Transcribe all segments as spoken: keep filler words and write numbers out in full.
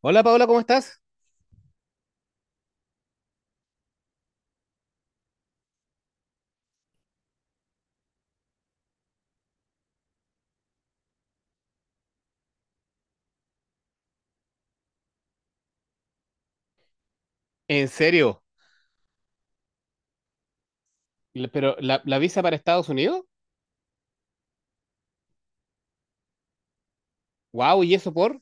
Hola Paola, ¿cómo estás? ¿En serio? La- ¿Pero la, la visa para Estados Unidos? ¡Wow! ¿Y eso por?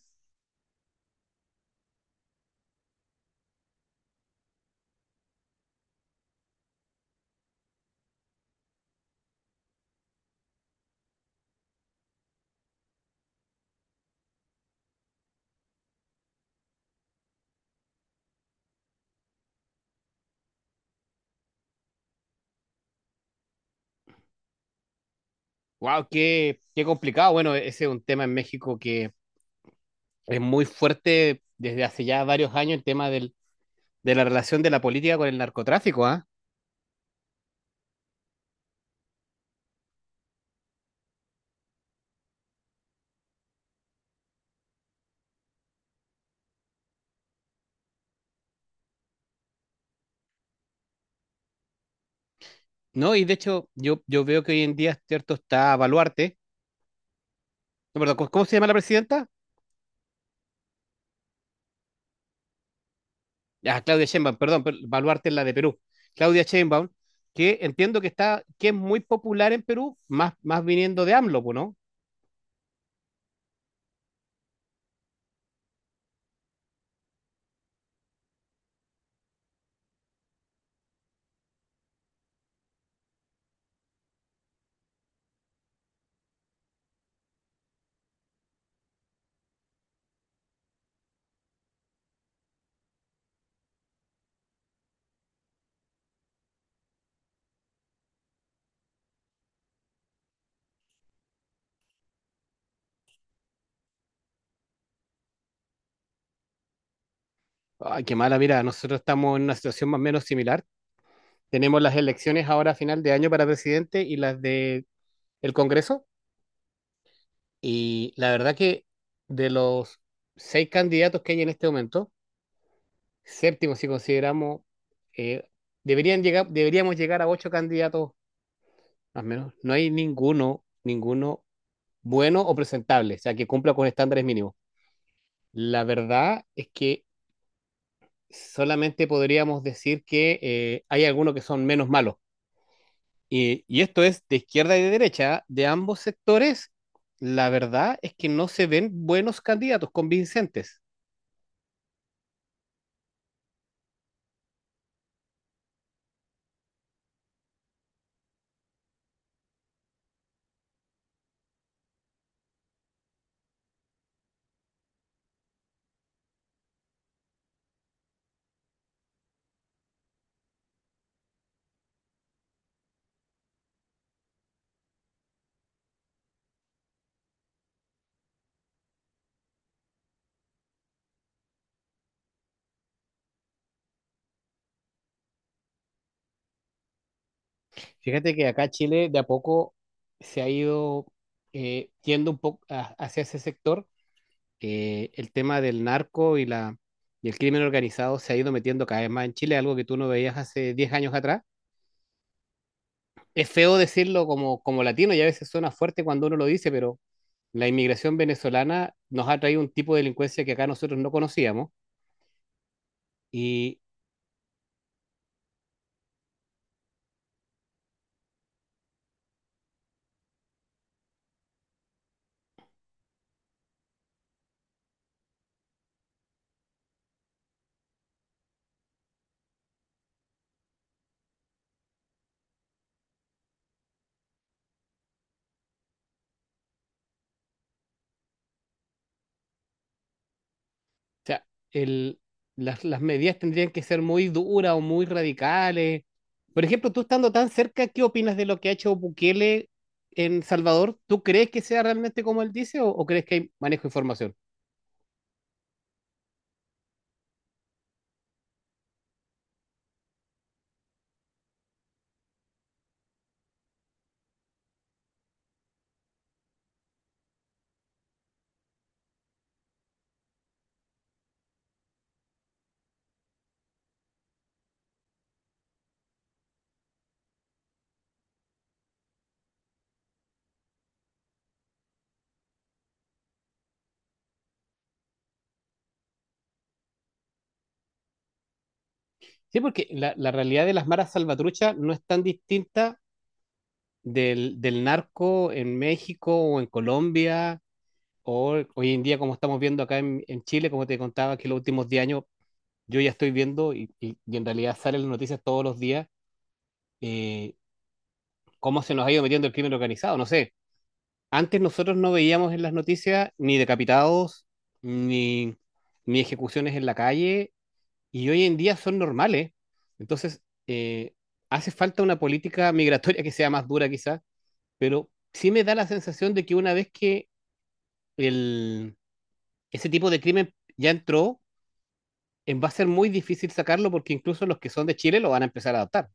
¡Wow! Qué, qué complicado. Bueno, e-, ese es un tema en México que es muy fuerte desde hace ya varios años, el tema del, de la relación de la política con el narcotráfico, ¿ah? No, y de hecho yo, yo veo que hoy en día, cierto, está Baluarte. No, perdón, ¿cómo, cómo se llama la presidenta? Ah, Claudia Sheinbaum, perdón, pero Baluarte es la de Perú. Claudia Sheinbaum, que entiendo que está, que es muy popular en Perú, más, más viniendo de AMLO, pues, ¿no? Ay, qué mala, mira, nosotros estamos en una situación más o menos similar. Tenemos las elecciones ahora a final de año para presidente y las de el Congreso. Y la verdad que de los seis candidatos que hay en este momento, séptimo si consideramos, eh, deberían llegar, deberíamos llegar a ocho candidatos más o menos. No hay ninguno, ninguno bueno o presentable, o sea, que cumpla con estándares mínimos. La verdad es que solamente podríamos decir que eh, hay algunos que son menos malos. Y, y esto es de izquierda y de derecha, de ambos sectores, la verdad es que no se ven buenos candidatos convincentes. Fíjate que acá Chile de a poco se ha ido eh, yendo un poco a- hacia ese sector. Eh, el tema del narco y, la, y el crimen organizado se ha ido metiendo cada vez más en Chile, algo que tú no veías hace diez años atrás. Es feo decirlo como, como latino y a veces suena fuerte cuando uno lo dice, pero la inmigración venezolana nos ha traído un tipo de delincuencia que acá nosotros no conocíamos. Y, o sea, el, las, las medidas tendrían que ser muy duras o muy radicales. Por ejemplo, tú estando tan cerca, ¿qué opinas de lo que ha hecho Bukele en Salvador? ¿Tú crees que sea realmente como él dice o, o crees que hay manejo de información? Sí, porque la, la realidad de las maras salvatruchas no es tan distinta del, del narco en México o en Colombia o hoy en día como estamos viendo acá en, en Chile, como te contaba que los últimos diez años yo ya estoy viendo y, y- y en realidad salen las noticias todos los días, eh, cómo se nos ha ido metiendo el crimen organizado. No sé, antes nosotros no veíamos en las noticias ni decapitados, ni, ni ejecuciones en la calle, y hoy en día son normales. Entonces, eh, hace falta una política migratoria que sea más dura quizás, pero sí me da la sensación de que una vez que el, ese tipo de crimen ya entró, eh, va a ser muy difícil sacarlo porque incluso los que son de Chile lo van a empezar a adoptar.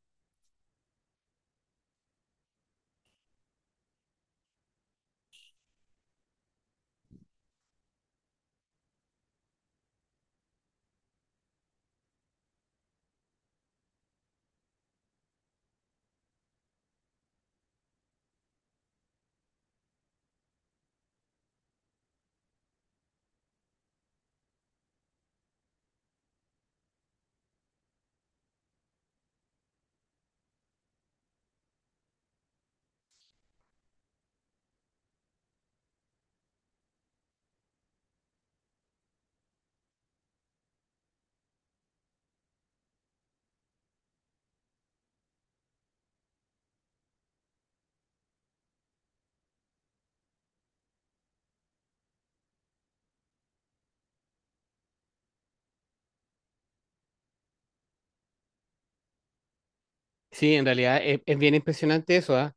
Sí, en realidad es, es bien impresionante eso, ¿ah?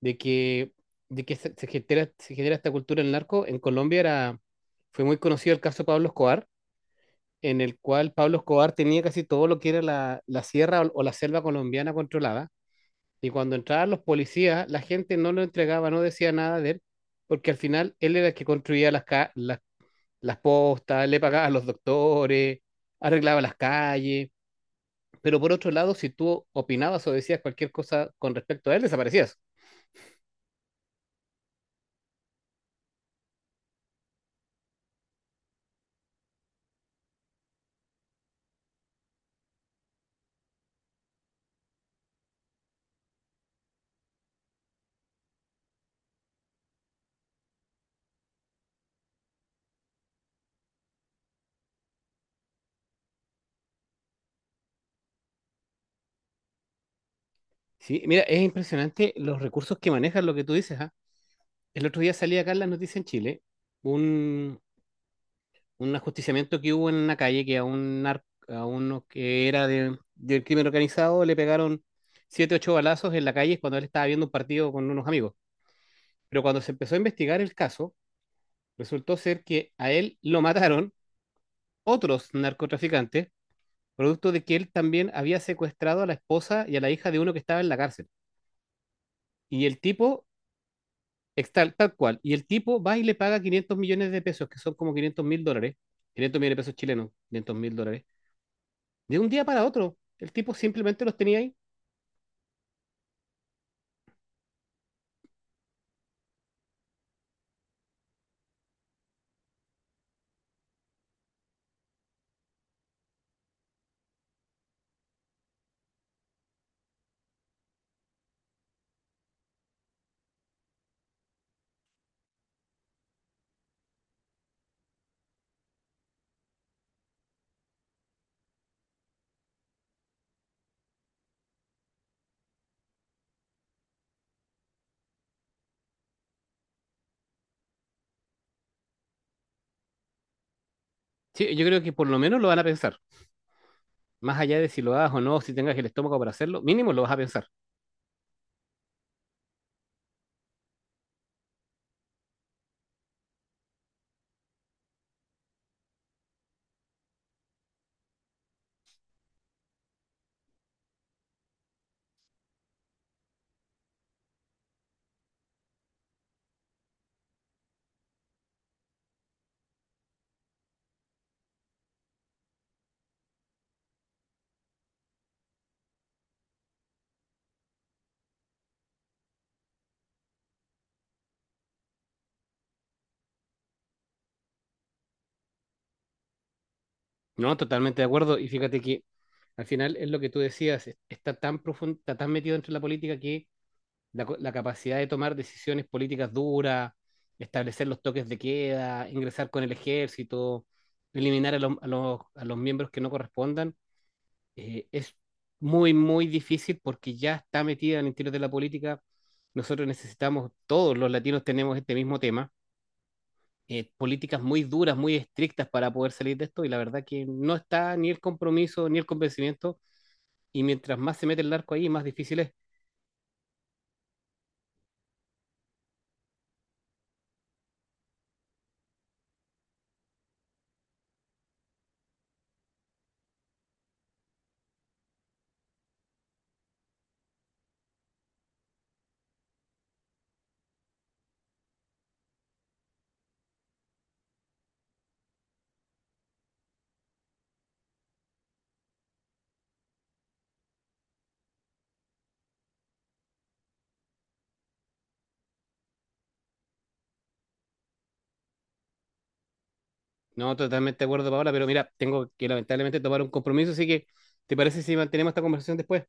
de que, de que se, se genera, se genera esta cultura del narco. En Colombia era, fue muy conocido el caso de Pablo Escobar, en el cual Pablo Escobar tenía casi todo lo que era la, la sierra o, o la selva colombiana controlada. Y cuando entraban los policías, la gente no lo entregaba, no decía nada de él, porque al final él era el que construía las, ca- las, las postas, le pagaba a los doctores, arreglaba las calles. Pero por otro lado, si tú opinabas o decías cualquier cosa con respecto a él, desaparecías. Sí, mira, es impresionante los recursos que manejan lo que tú dices, ¿ah? El otro día salía acá en las noticias en Chile un, un ajusticiamiento que hubo en una calle que a un nar- a uno que era de, del crimen organizado le pegaron siete, ocho balazos en la calle cuando él estaba viendo un partido con unos amigos. Pero cuando se empezó a investigar el caso, resultó ser que a él lo mataron otros narcotraficantes, producto de que él también había secuestrado a la esposa y a la hija de uno que estaba en la cárcel. Y el tipo Tal, tal cual. Y el tipo va y le paga quinientos millones de pesos, que son como quinientos mil dólares, quinientos millones de pesos chilenos, quinientos mil dólares, de un día para otro. El tipo simplemente los tenía ahí. Sí, yo creo que por lo menos lo van a pensar. Más allá de si lo hagas o no, si tengas el estómago para hacerlo, mínimo lo vas a pensar. No, totalmente de acuerdo. Y fíjate que al final es lo que tú decías, está tan profundo, está tan metido dentro de la política que la, co- la capacidad de tomar decisiones políticas duras, establecer los toques de queda, ingresar con el ejército, eliminar a, los- a los, a los miembros que no correspondan, eh, es muy, muy difícil porque ya está metida en el interior de la política. Nosotros necesitamos, todos los latinos tenemos este mismo tema, eh, políticas muy duras, muy estrictas para poder salir de esto y la verdad que no está ni el compromiso ni el convencimiento y mientras más se mete el narco ahí, más difícil es. No, totalmente de acuerdo, Paola, pero mira, tengo que lamentablemente tomar un compromiso, así que ¿te parece si mantenemos esta conversación después?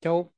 Chao.